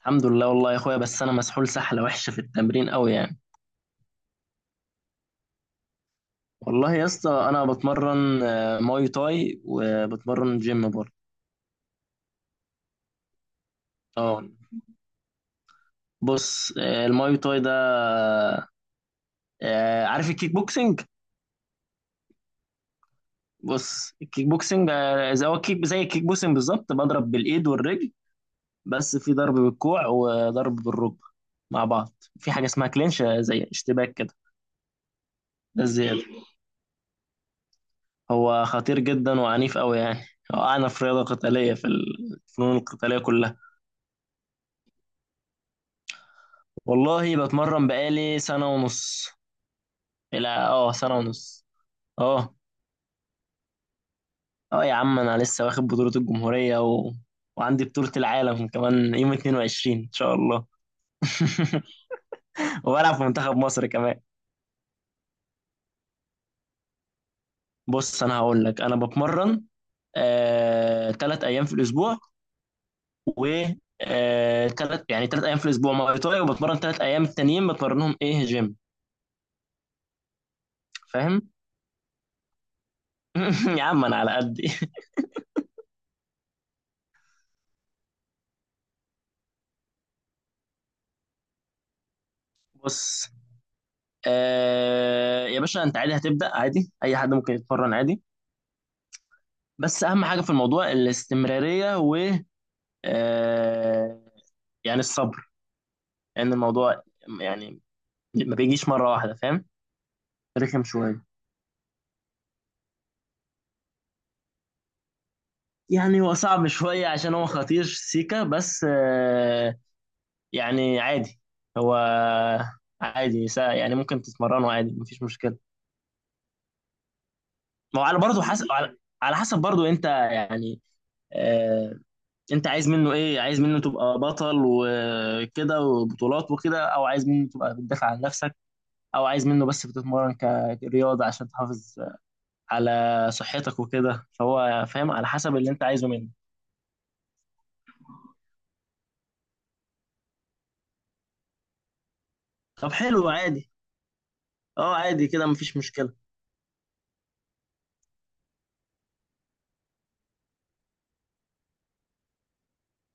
الحمد لله والله يا اخويا، بس انا مسحول سحله وحشه في التمرين قوي يعني. والله يا اسطى انا بتمرن ماي تاي وبتمرن جيم برضه. اه. بص، الماي تاي ده، عارف الكيك بوكسنج؟ بص، الكيك بوكسنج زي الكيك بوكسنج بالظبط، بضرب بالايد والرجل، بس في ضرب بالكوع وضرب بالركبه مع بعض. في حاجه اسمها كلينش، زي اشتباك كده. ده الزياده. هو خطير جدا وعنيف قوي يعني. هو اعنف رياضه قتاليه في الفنون القتاليه كلها. والله بتمرن بقالي سنة ونص، الى سنة ونص. اه، اه يا عم، انا لسه واخد بطولة الجمهورية، و... وعندي بطولة العالم كمان يوم 22 ان شاء الله. وبلعب في منتخب مصر كمان. بص انا هقول لك، انا بتمرن تلات ايام في الاسبوع، و تلات ايام في الاسبوع ماي تاي، وبتمرن تلات ايام التانيين، بتمرنهم ايه؟ جيم. فاهم. يا عم انا على قدي. بص، يا باشا، انت عادي هتبدأ عادي، اي حد ممكن يتمرن عادي. بس اهم حاجة في الموضوع الاستمرارية، و آه يعني الصبر. لان الموضوع يعني ما بيجيش مرة واحدة، فاهم. رخم شوية. يعني هو صعب شوية عشان هو خطير سيكا، بس يعني عادي. هو عادي يعني ممكن تتمرنه عادي، مفيش مشكلة. ما هو على برضه حسب، على حسب برضه انت يعني، آه، انت عايز منه ايه؟ عايز منه تبقى بطل وكده وبطولات وكده، او عايز منه تبقى بتدافع عن نفسك، او عايز منه بس بتتمرن كرياضة عشان تحافظ على صحتك وكده، فهو فاهم، على حسب اللي انت عايزه منه. طب حلو عادي. اه عادي كده مفيش مشكلة.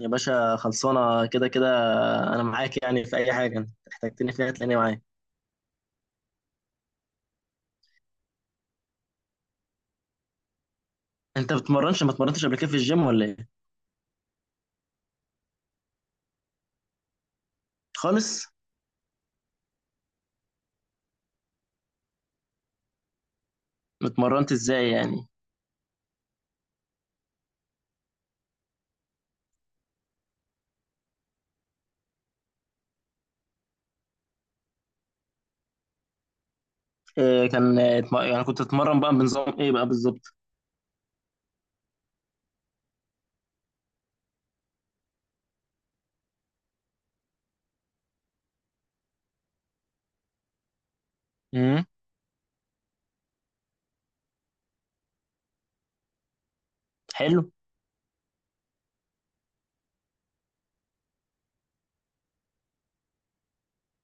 يا باشا خلصانة، كده كده انا معاك، يعني في اي حاجة انت احتجتني فيها تلاقيني معاك. انت بتمرنش؟ ما اتمرنتش قبل كده في الجيم ولا ايه؟ خالص. اتمرنت ازاي يعني؟ إيه؟ كان يعني كنت اتمرن بقى بنظام ايه بقى بالظبط؟ مم. حلو.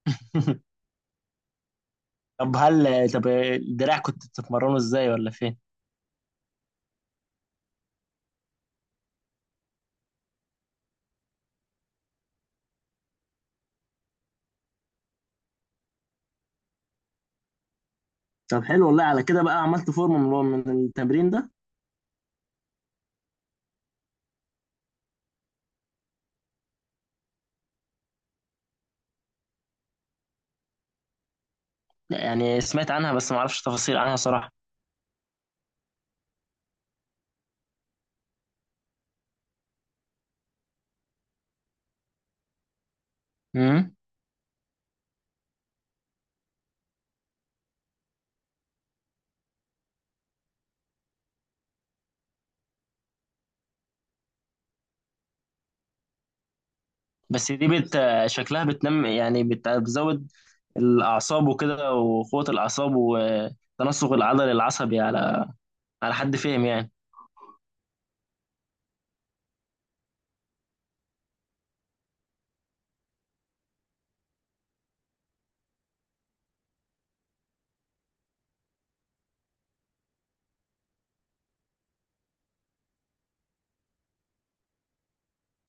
طب، هل طب الدراع كنت بتتمرنه ازاي ولا فين؟ طب حلو والله، على كده بقى عملت فورمه من التمرين ده؟ لا، يعني سمعت عنها بس ما اعرفش تفاصيل عنها صراحة. امم. بس دي شكلها بتنم، يعني بتزود الأعصاب وكده، وقوة الأعصاب وتناسق العضل العصبي، على حد فهم يعني.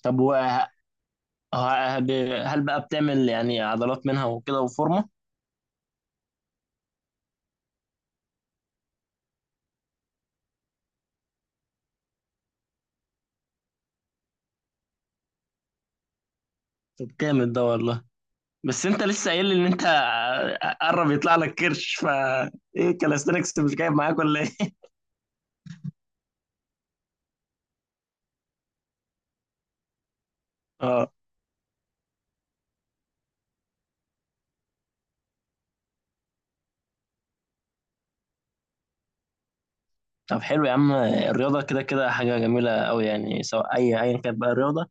طب ه- هل بقى بتعمل يعني عضلات منها وكده وفورمة؟ طب جامد ده والله. بس انت لسه قايل لي ان انت قرب يطلع لك كرش، ف ايه كالاستنكس مش جايب معاك ولا ايه؟ اه. طب حلو يا عم، الرياضة كده كده حاجة جميلة أوي يعني، سواء أيا كانت بقى الرياضة،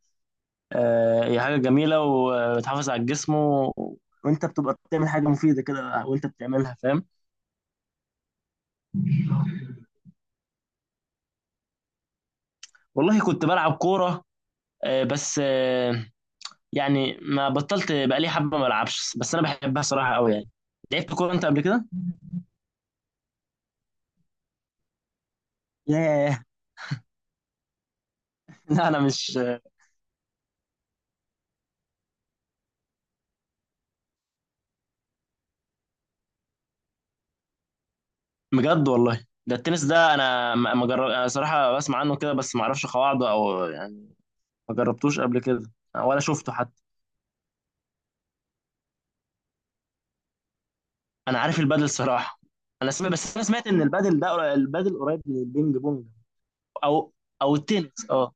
هي حاجة جميلة وبتحافظ على الجسم، و... وأنت بتبقى بتعمل حاجة مفيدة كده وأنت بتعملها، فاهم. والله كنت بلعب كورة، بس يعني ما بطلت بقالي حبة ما ألعبش، بس أنا بحبها صراحة أوي يعني. لعبت كورة أنت قبل كده؟ ياه. لا، أنا مش. بجد والله، ده التنس ده انا ما جرب انا صراحه، بسمع عنه كده بس ما اعرفش قواعده او يعني، ما جربتوش قبل كده، ولا شفته حتى. انا عارف البادل صراحه. انا سمعت، بس انا سمعت ان البادل قريب من البينج بونج، او او التنس، اه.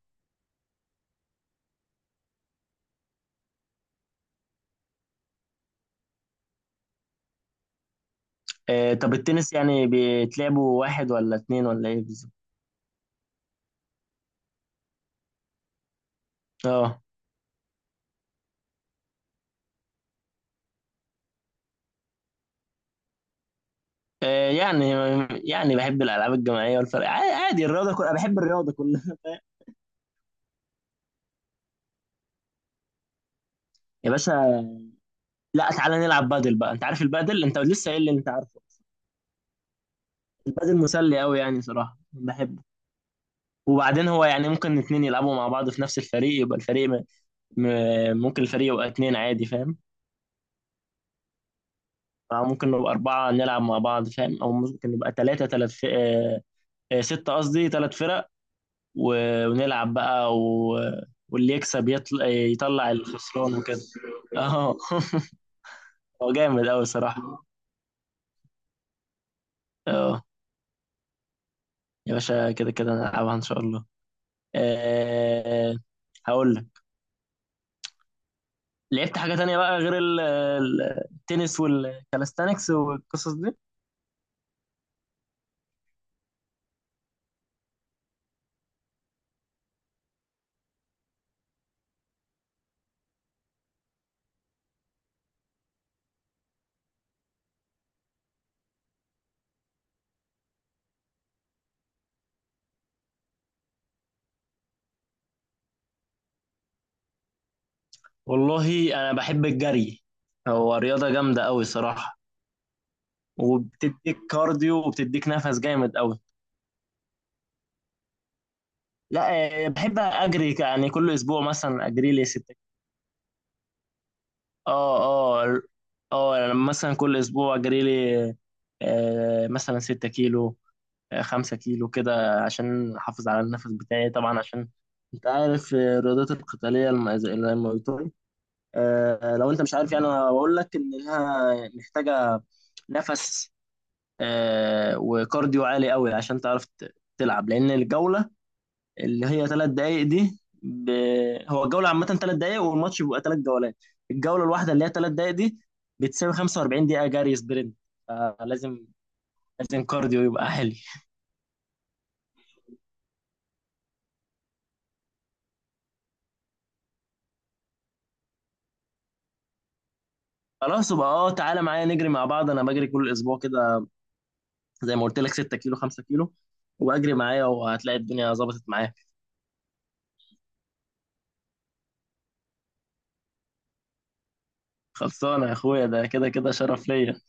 طب التنس يعني بيتلعبوا واحد ولا اتنين ولا ايه بالظبط؟ اه. آه، يعني يعني بحب الالعاب الجماعيه والفرق عادي، عادي، الرياضه كلها، بحب الرياضه كلها. يا باشا. لا تعالى نلعب بادل بقى، انت عارف البادل، انت لسه قايل لي انت عارف. البادل مسلي قوي يعني صراحة بحبه. وبعدين هو يعني ممكن اتنين يلعبوا مع بعض في نفس الفريق، يبقى الفريق م... ممكن الفريق يبقى اتنين عادي، فاهم. أو ممكن نبقى أربعة نلعب مع بعض، فاهم. أو ممكن نبقى تلاتة، تلات ف... آه، آه، ستة قصدي، تلات فرق، و... ونلعب بقى، واللي يكسب يطلع الخسران وكده. اه. هو جامد قوي صراحة. اه يا باشا كده كده نلعبها إن شاء الله، آه، هقول لك. لعبت حاجة تانية بقى غير التنس والكالستانكس والقصص دي؟ والله أنا بحب الجري، هو رياضة جامدة أوي صراحة، وبتديك كارديو وبتديك نفس جامد أوي. لا. بحب أجري يعني كل أسبوع مثلا أجري لي ستة. اه. اه. اه أنا مثلا كل أسبوع أجري لي مثلا 6 كيلو، 5 كيلو كده عشان أحافظ على النفس بتاعي طبعا، عشان أنت عارف الرياضات القتالية زي الماي تاي، لو انت مش عارف، يعني انا بقول لك ان لها محتاجه نفس، وكارديو عالي قوي عشان تعرف تلعب، لان الجوله اللي هي 3 دقائق دي هو الجوله عامه 3 دقائق، والماتش بيبقى 3 جولات، الجوله الواحده اللي هي ثلاث دقائق دي بتساوي 45 دقيقه جري سبرنت، فلازم كارديو يبقى عالي. خلاص يبقى، اه تعالى معايا نجري مع بعض، انا بجري كل اسبوع كده، زي ما قلت لك 6 كيلو 5 كيلو، واجري معايا وهتلاقي الدنيا ظبطت معايا. خلصانة يا اخويا، ده كده كده شرف ليا.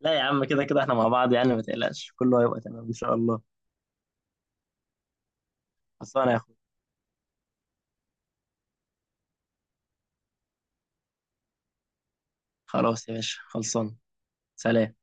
لا يا عم، كده كده احنا مع بعض يعني، ما تقلقش كله هيبقى تمام ان شاء الله. خلصانة يا اخويا. خلاص يا باشا خلصانة. سلام.